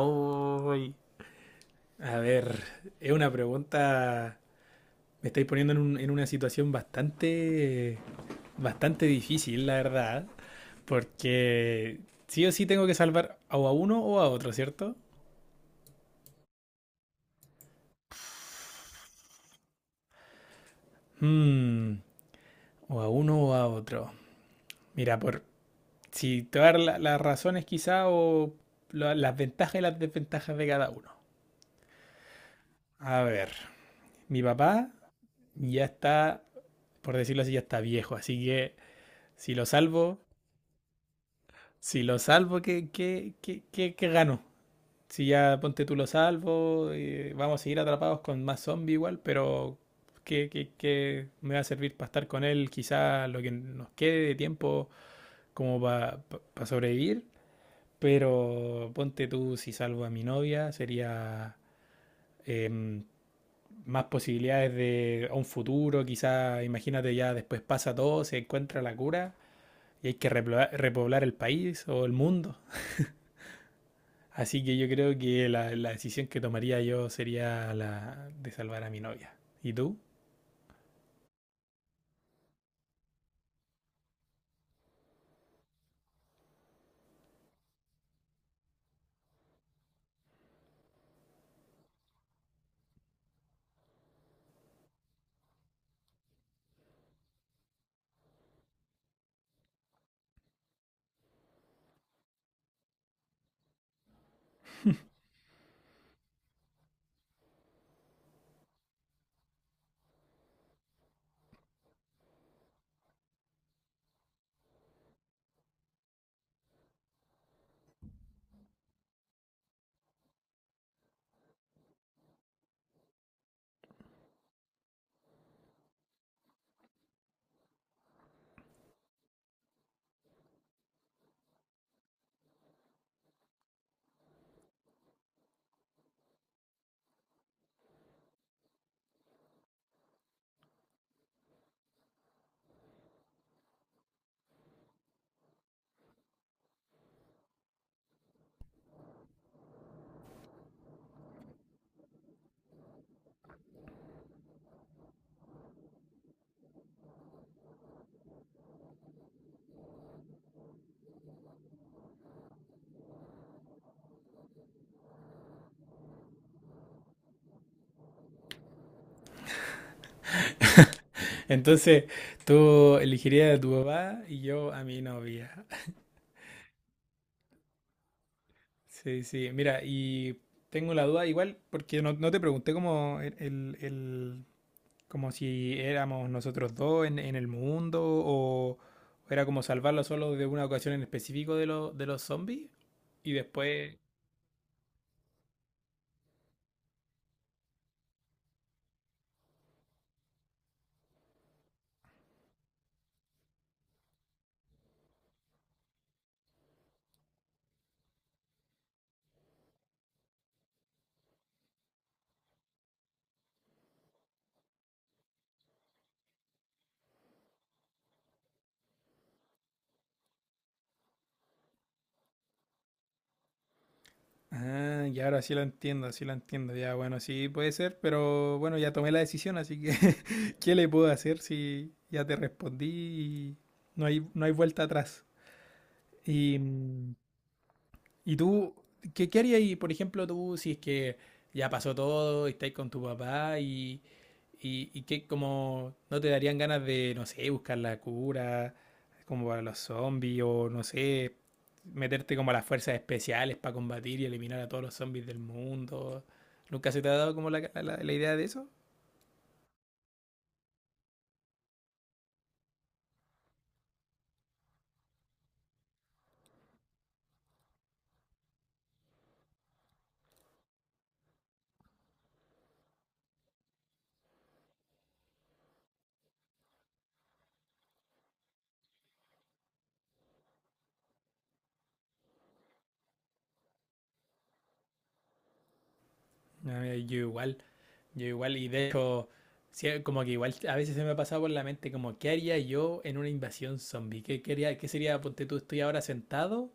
Ay. A ver, es una pregunta. Me estáis poniendo en una situación bastante difícil, la verdad. Porque sí o sí tengo que salvar o a uno o a otro, ¿cierto? Hmm, o a uno o a otro. Mira, por. Si te voy a dar las razones quizá o las ventajas y las desventajas de cada uno. A ver, mi papá ya está, por decirlo así, ya está viejo, así que si lo salvo, si lo salvo, ¿qué gano? Si ya ponte tú lo salvo, vamos a seguir atrapados con más zombies igual, pero ¿qué me va a servir para estar con él? Quizá lo que nos quede de tiempo como para sobrevivir, pero ponte tú si salvo a mi novia, sería em, más posibilidades de un futuro, quizá imagínate ya después pasa todo, se encuentra la cura y hay que repoblar el país o el mundo. Así que yo creo que la decisión que tomaría yo sería la de salvar a mi novia. ¿Y tú? Entonces, tú elegirías a tu papá y yo a mi novia. Sí, sí. Mira, y tengo la duda igual, porque no, no te pregunté como como si éramos nosotros dos en el mundo o era como salvarlo solo de una ocasión en específico de los zombies y después... Ah, ya ahora sí lo entiendo, sí lo entiendo. Ya, bueno, sí puede ser, pero bueno, ya tomé la decisión, así que ¿qué le puedo hacer si ya te respondí y no hay vuelta atrás? Y, ¿y tú, qué harías ahí, por ejemplo, tú si es que ya pasó todo y estáis con tu papá y qué, como, no te darían ganas de, no sé, buscar la cura, como para los zombies o no sé, meterte como a las fuerzas especiales para combatir y eliminar a todos los zombies del mundo. ¿Nunca se te ha dado como la idea de eso? No, yo igual, y de hecho, sí, como que igual a veces se me ha pasado por la mente como, ¿qué haría yo en una invasión zombie? ¿Qué sería, ponte tú, estoy ahora sentado?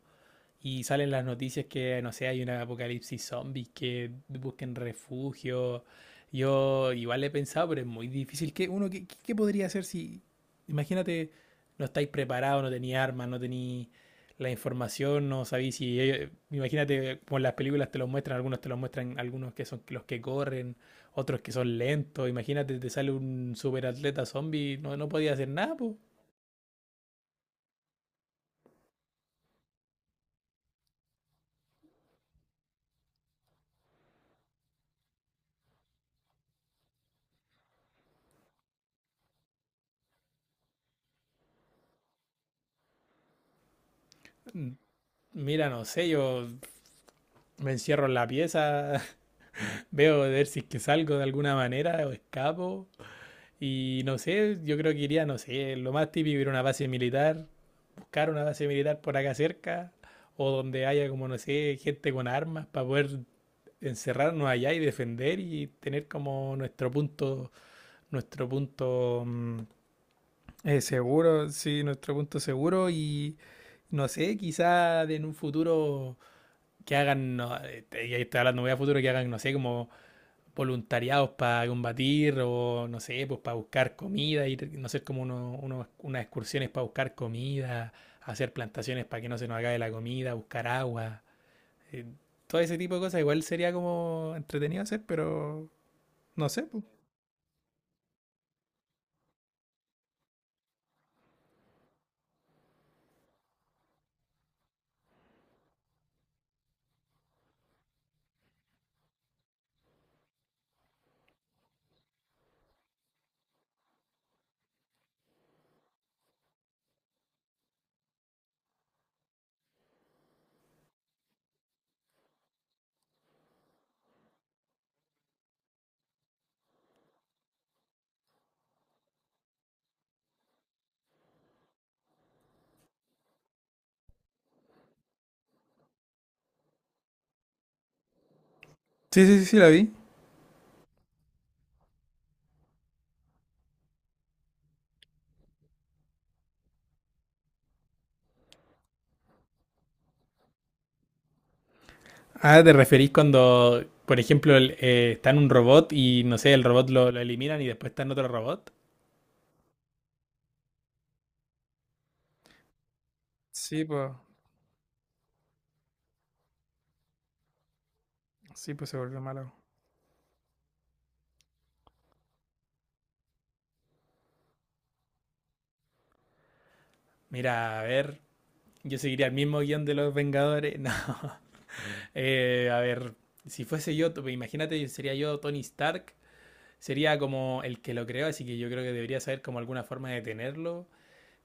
Y salen las noticias que, no sé, hay un apocalipsis zombies, que busquen refugio. Yo igual he pensado, pero es muy difícil. ¿Qué podría hacer si, imagínate, no estáis preparados, no tenéis armas, no tenéis la información, no sabéis si... Imagínate, como en las películas te los muestran, algunos te los muestran, algunos que son los que corren, otros que son lentos. Imagínate, te sale un superatleta zombie, no, no podía hacer nada, pues. Mira, no sé, yo me encierro en la pieza. Veo de ver si es que salgo de alguna manera o escapo. Y no sé, yo creo que iría, no sé, lo más típico ir a una base militar, buscar una base militar por acá cerca, o donde haya como, no sé, gente con armas para poder encerrarnos allá y defender y tener como nuestro punto, nuestro punto, seguro, sí, nuestro punto seguro y no sé, quizá en un futuro que hagan, no, ya estoy hablando muy a futuro, que hagan, no sé, como voluntariados para combatir o no sé, pues para buscar comida, ir, no sé, como unas excursiones para buscar comida, hacer plantaciones para que no se nos acabe la comida, buscar agua, eh, todo ese tipo de cosas igual sería como entretenido hacer, pero no sé, pues. Sí, sí, sí, sí, la vi. Ah, ¿te referís cuando, por ejemplo, está en un robot y no sé, el robot lo eliminan y después está en otro robot? Sí, pues, sí, pues se volvió malo. Mira, a ver, yo seguiría el mismo guión de los Vengadores. No, a ver, si fuese yo, imagínate, sería yo Tony Stark, sería como el que lo creó, así que yo creo que debería saber como alguna forma de tenerlo.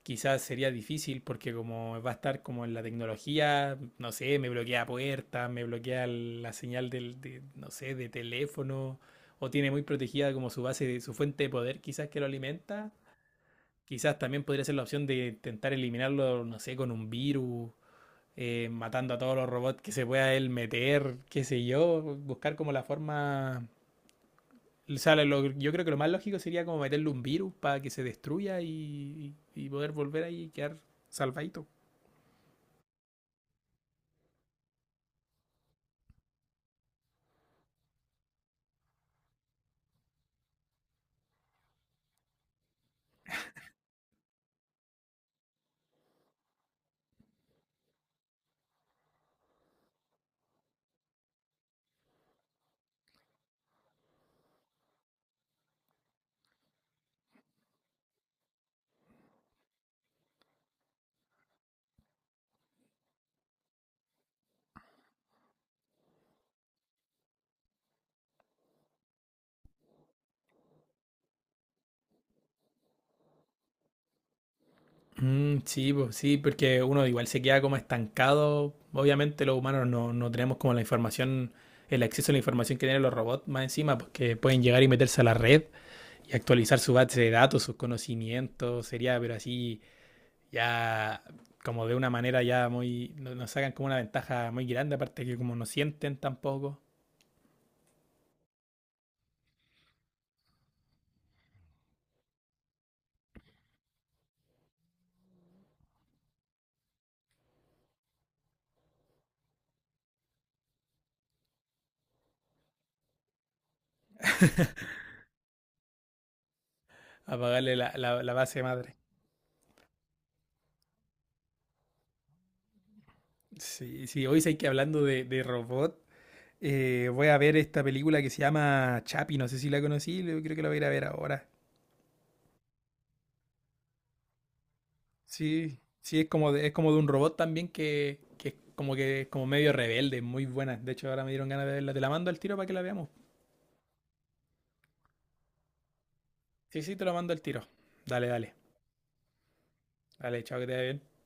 Quizás sería difícil porque como va a estar como en la tecnología, no sé, me bloquea puertas, me bloquea la señal no sé, de teléfono, o tiene muy protegida como su base, de, su fuente de poder quizás que lo alimenta. Quizás también podría ser la opción de intentar eliminarlo, no sé, con un virus, matando a todos los robots que se pueda él meter, qué sé yo, buscar como la forma... O sea, yo creo que lo más lógico sería como meterle un virus para que se destruya y poder volver ahí y quedar salvadito. Mm, sí, pues, sí, porque uno igual se queda como estancado. Obviamente los humanos no, no tenemos como la información, el acceso a la información que tienen los robots más encima, porque pueden llegar y meterse a la red y actualizar su base de datos, sus conocimientos, sería, pero así ya como de una manera ya muy, nos sacan como una ventaja muy grande, aparte que como no sienten tampoco, apagarle la base madre. Sí, sí, hoy sé que hablando de robot, voy a ver esta película que se llama Chapi, no sé si la conocí, yo creo que la voy a ir a ver ahora. Sí, sí, es como de un robot también que es como medio rebelde, muy buena. De hecho, ahora me dieron ganas de verla. Te la mando al tiro para que la veamos. Sí, sí, te la mando al tiro. Dale, dale. Dale, chao, que te vaya bien.